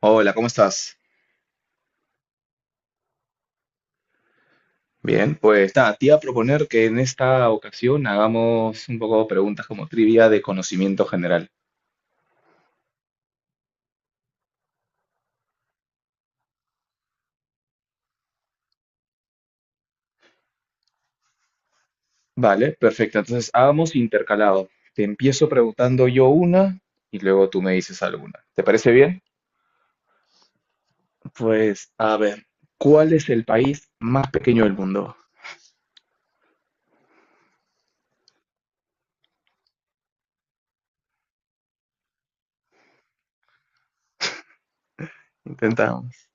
Hola, ¿cómo estás? Bien, pues nada, te iba a proponer que en esta ocasión hagamos un poco preguntas como trivia de conocimiento general. Vale, perfecto. Entonces, hagamos intercalado. Te empiezo preguntando yo una y luego tú me dices alguna. ¿Te parece bien? Pues, a ver, ¿cuál es el país más pequeño del mundo? Intentamos.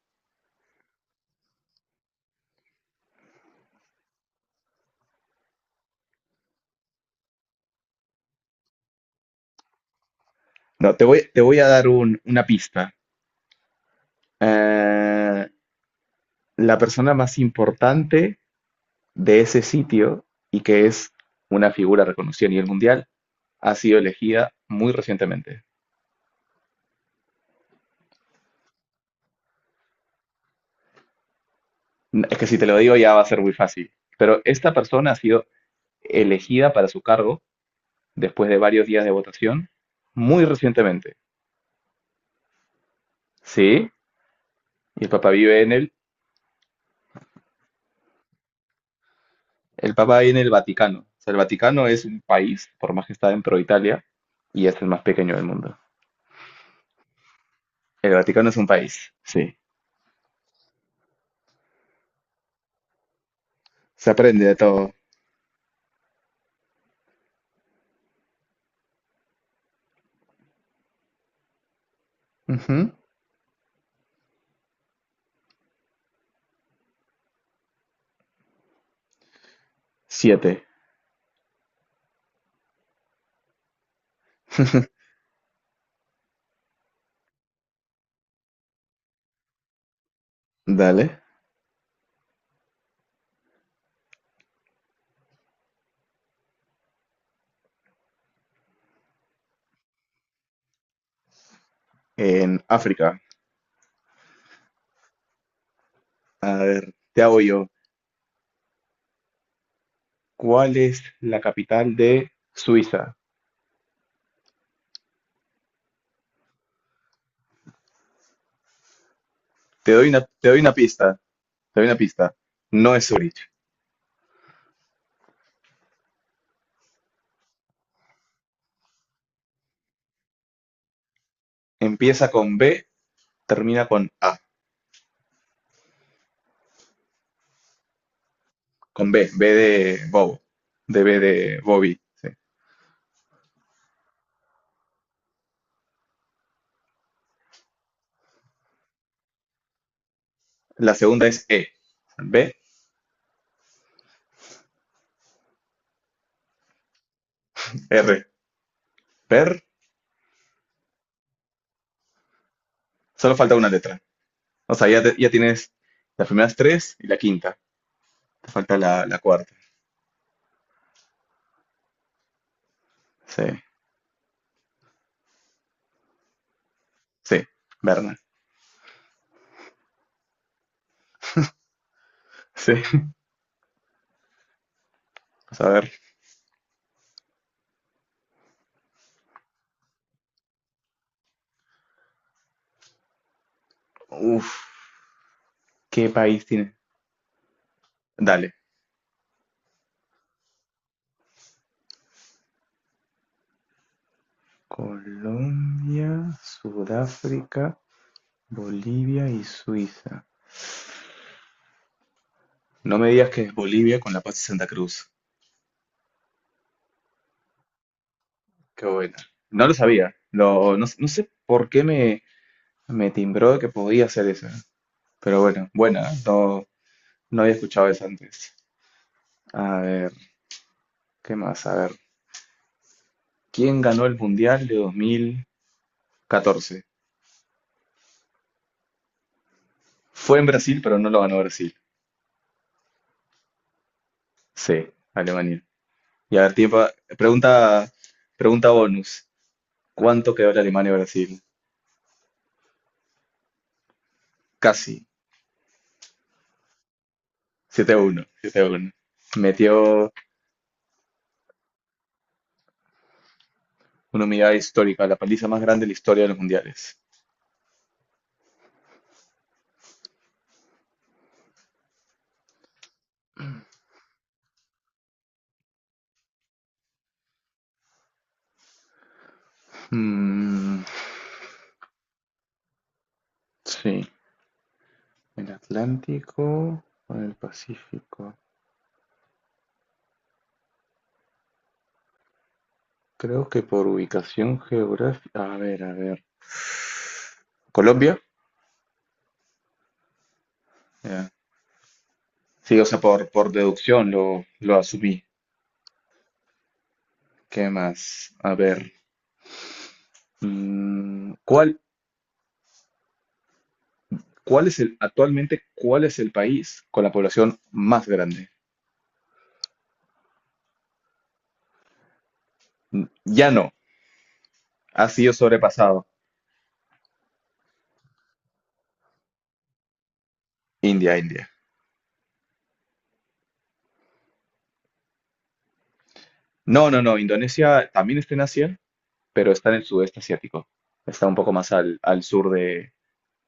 No, te voy a dar una pista. Eh, la persona más importante de ese sitio y que es una figura reconocida a nivel mundial, ha sido elegida muy recientemente. Es que si te lo digo ya va a ser muy fácil, pero esta persona ha sido elegida para su cargo después de varios días de votación muy recientemente. Sí, y el Papa vive el Papa vive en el Vaticano. O sea, el Vaticano es un país, por más que está dentro de Italia, y es el más pequeño del mundo. El Vaticano es un país, sí. Se aprende de todo. Ujú. Siete. Dale. En África. Te hago yo. ¿Cuál es la capital de Suiza? Te doy una pista. Te doy una pista. No es Zurich. Empieza con B, termina con A. Con B. B de Bob. De B de Bobby. Sí. La segunda es E. B, R. Per. Solo falta una letra. O sea, ya, ya tienes las primeras tres y la quinta. Te falta la cuarta. Sí. Sí. Berna. Sí. Vamos a ver. Uf. ¿Qué país tiene? Dale. Colombia, Sudáfrica, Bolivia y Suiza. No me digas que es Bolivia con La Paz y Santa Cruz. Qué buena. No lo sabía. No, no sé por qué me timbró que podía hacer esa. Pero bueno, buena. ¿Eh? No, no había escuchado esa antes. A ver, ¿qué más? A ver. ¿Quién ganó el Mundial de 2014? Fue en Brasil, pero no lo ganó Brasil. Sí, Alemania. Y a ver, tiempo, pregunta, pregunta bonus. ¿Cuánto quedó la Alemania-Brasil? Casi. Siete a 1. 7-1. Metió una humillada histórica, la paliza más grande de la historia de los mundiales. Mm, sí. El Atlántico o el Pacífico. Creo que por ubicación geográfica. A ver, a ver. ¿Colombia? Ya. Sí, o sea, por deducción lo asumí. ¿Qué más? A ver. Mm, cuál es el, actualmente, ¿cuál es el país con la población más grande? Mm, ya no. Ha sido sobrepasado. India, India. No, no, no. Indonesia también está en Asia, pero está en el sudeste asiático. Está un poco más al sur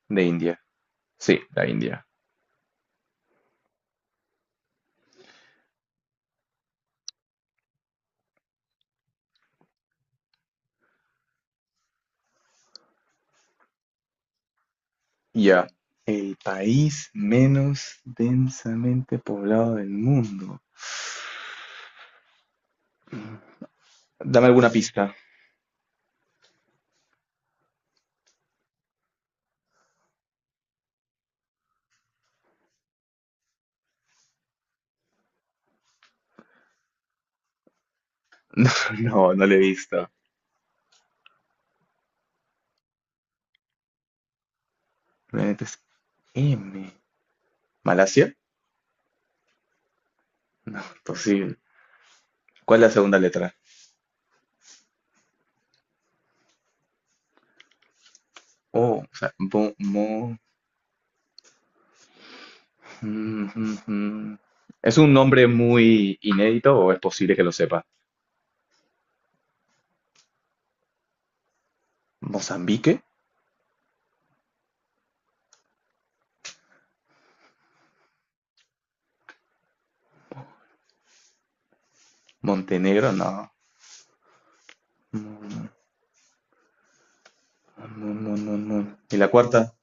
de India. Sí, la India. Ya. El país menos densamente poblado del mundo. Dame alguna pista. No, no le he visto. Realmente es M. ¿Malasia? No, imposible. ¿Cuál es la segunda letra? O sea, Ujujú. ¿Es un nombre muy inédito o es posible que lo sepa? ¿Mozambique? ¿Montenegro? No. Mm, no, no, no, no. ¿Y la cuarta?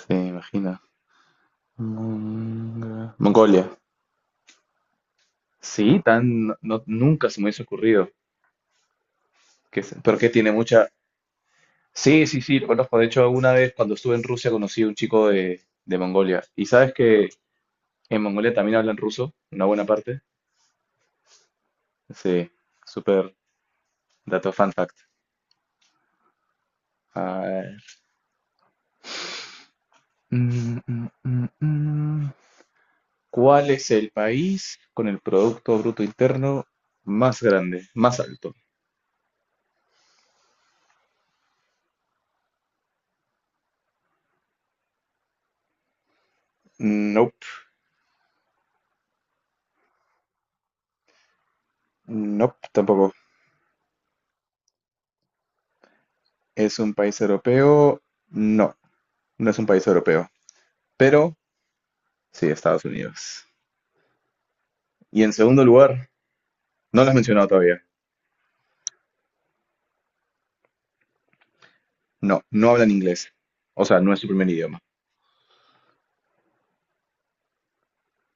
Se imagina. Mongolia. Sí, tan, nunca se me hubiese ocurrido. Que, se- pero que tiene mucha... Sí, sí, sí, lo conozco. De hecho, una vez cuando estuve en Rusia conocí a un chico de Mongolia. ¿Y sabes que en Mongolia también hablan ruso? Una buena parte. Sí, súper dato fun fact. Ah, mm, mm, mm, mm. ¿Cuál es el país con el Producto Bruto Interno más grande, más alto? Nope, nope, tampoco. ¿Es un país europeo? No, no es un país europeo, pero sí, Estados Unidos. Y en segundo lugar, no lo has mencionado todavía. No, no hablan inglés. O sea, no es su primer idioma.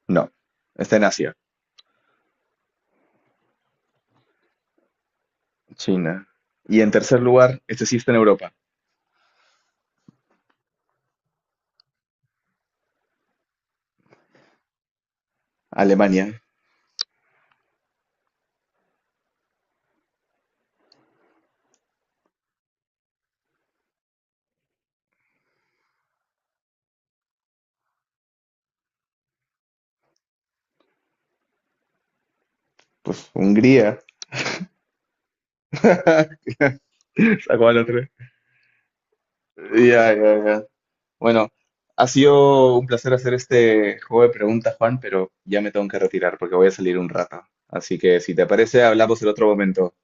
No, está en Asia, China. Y en tercer lugar, este sí está en Europa, Alemania, pues Hungría. Sacó al otro. Ya, ya, ya. Bueno, ha sido un placer hacer este juego de preguntas, Juan, pero ya me tengo que retirar porque voy a salir un rato. Así que si te parece, hablamos en otro momento.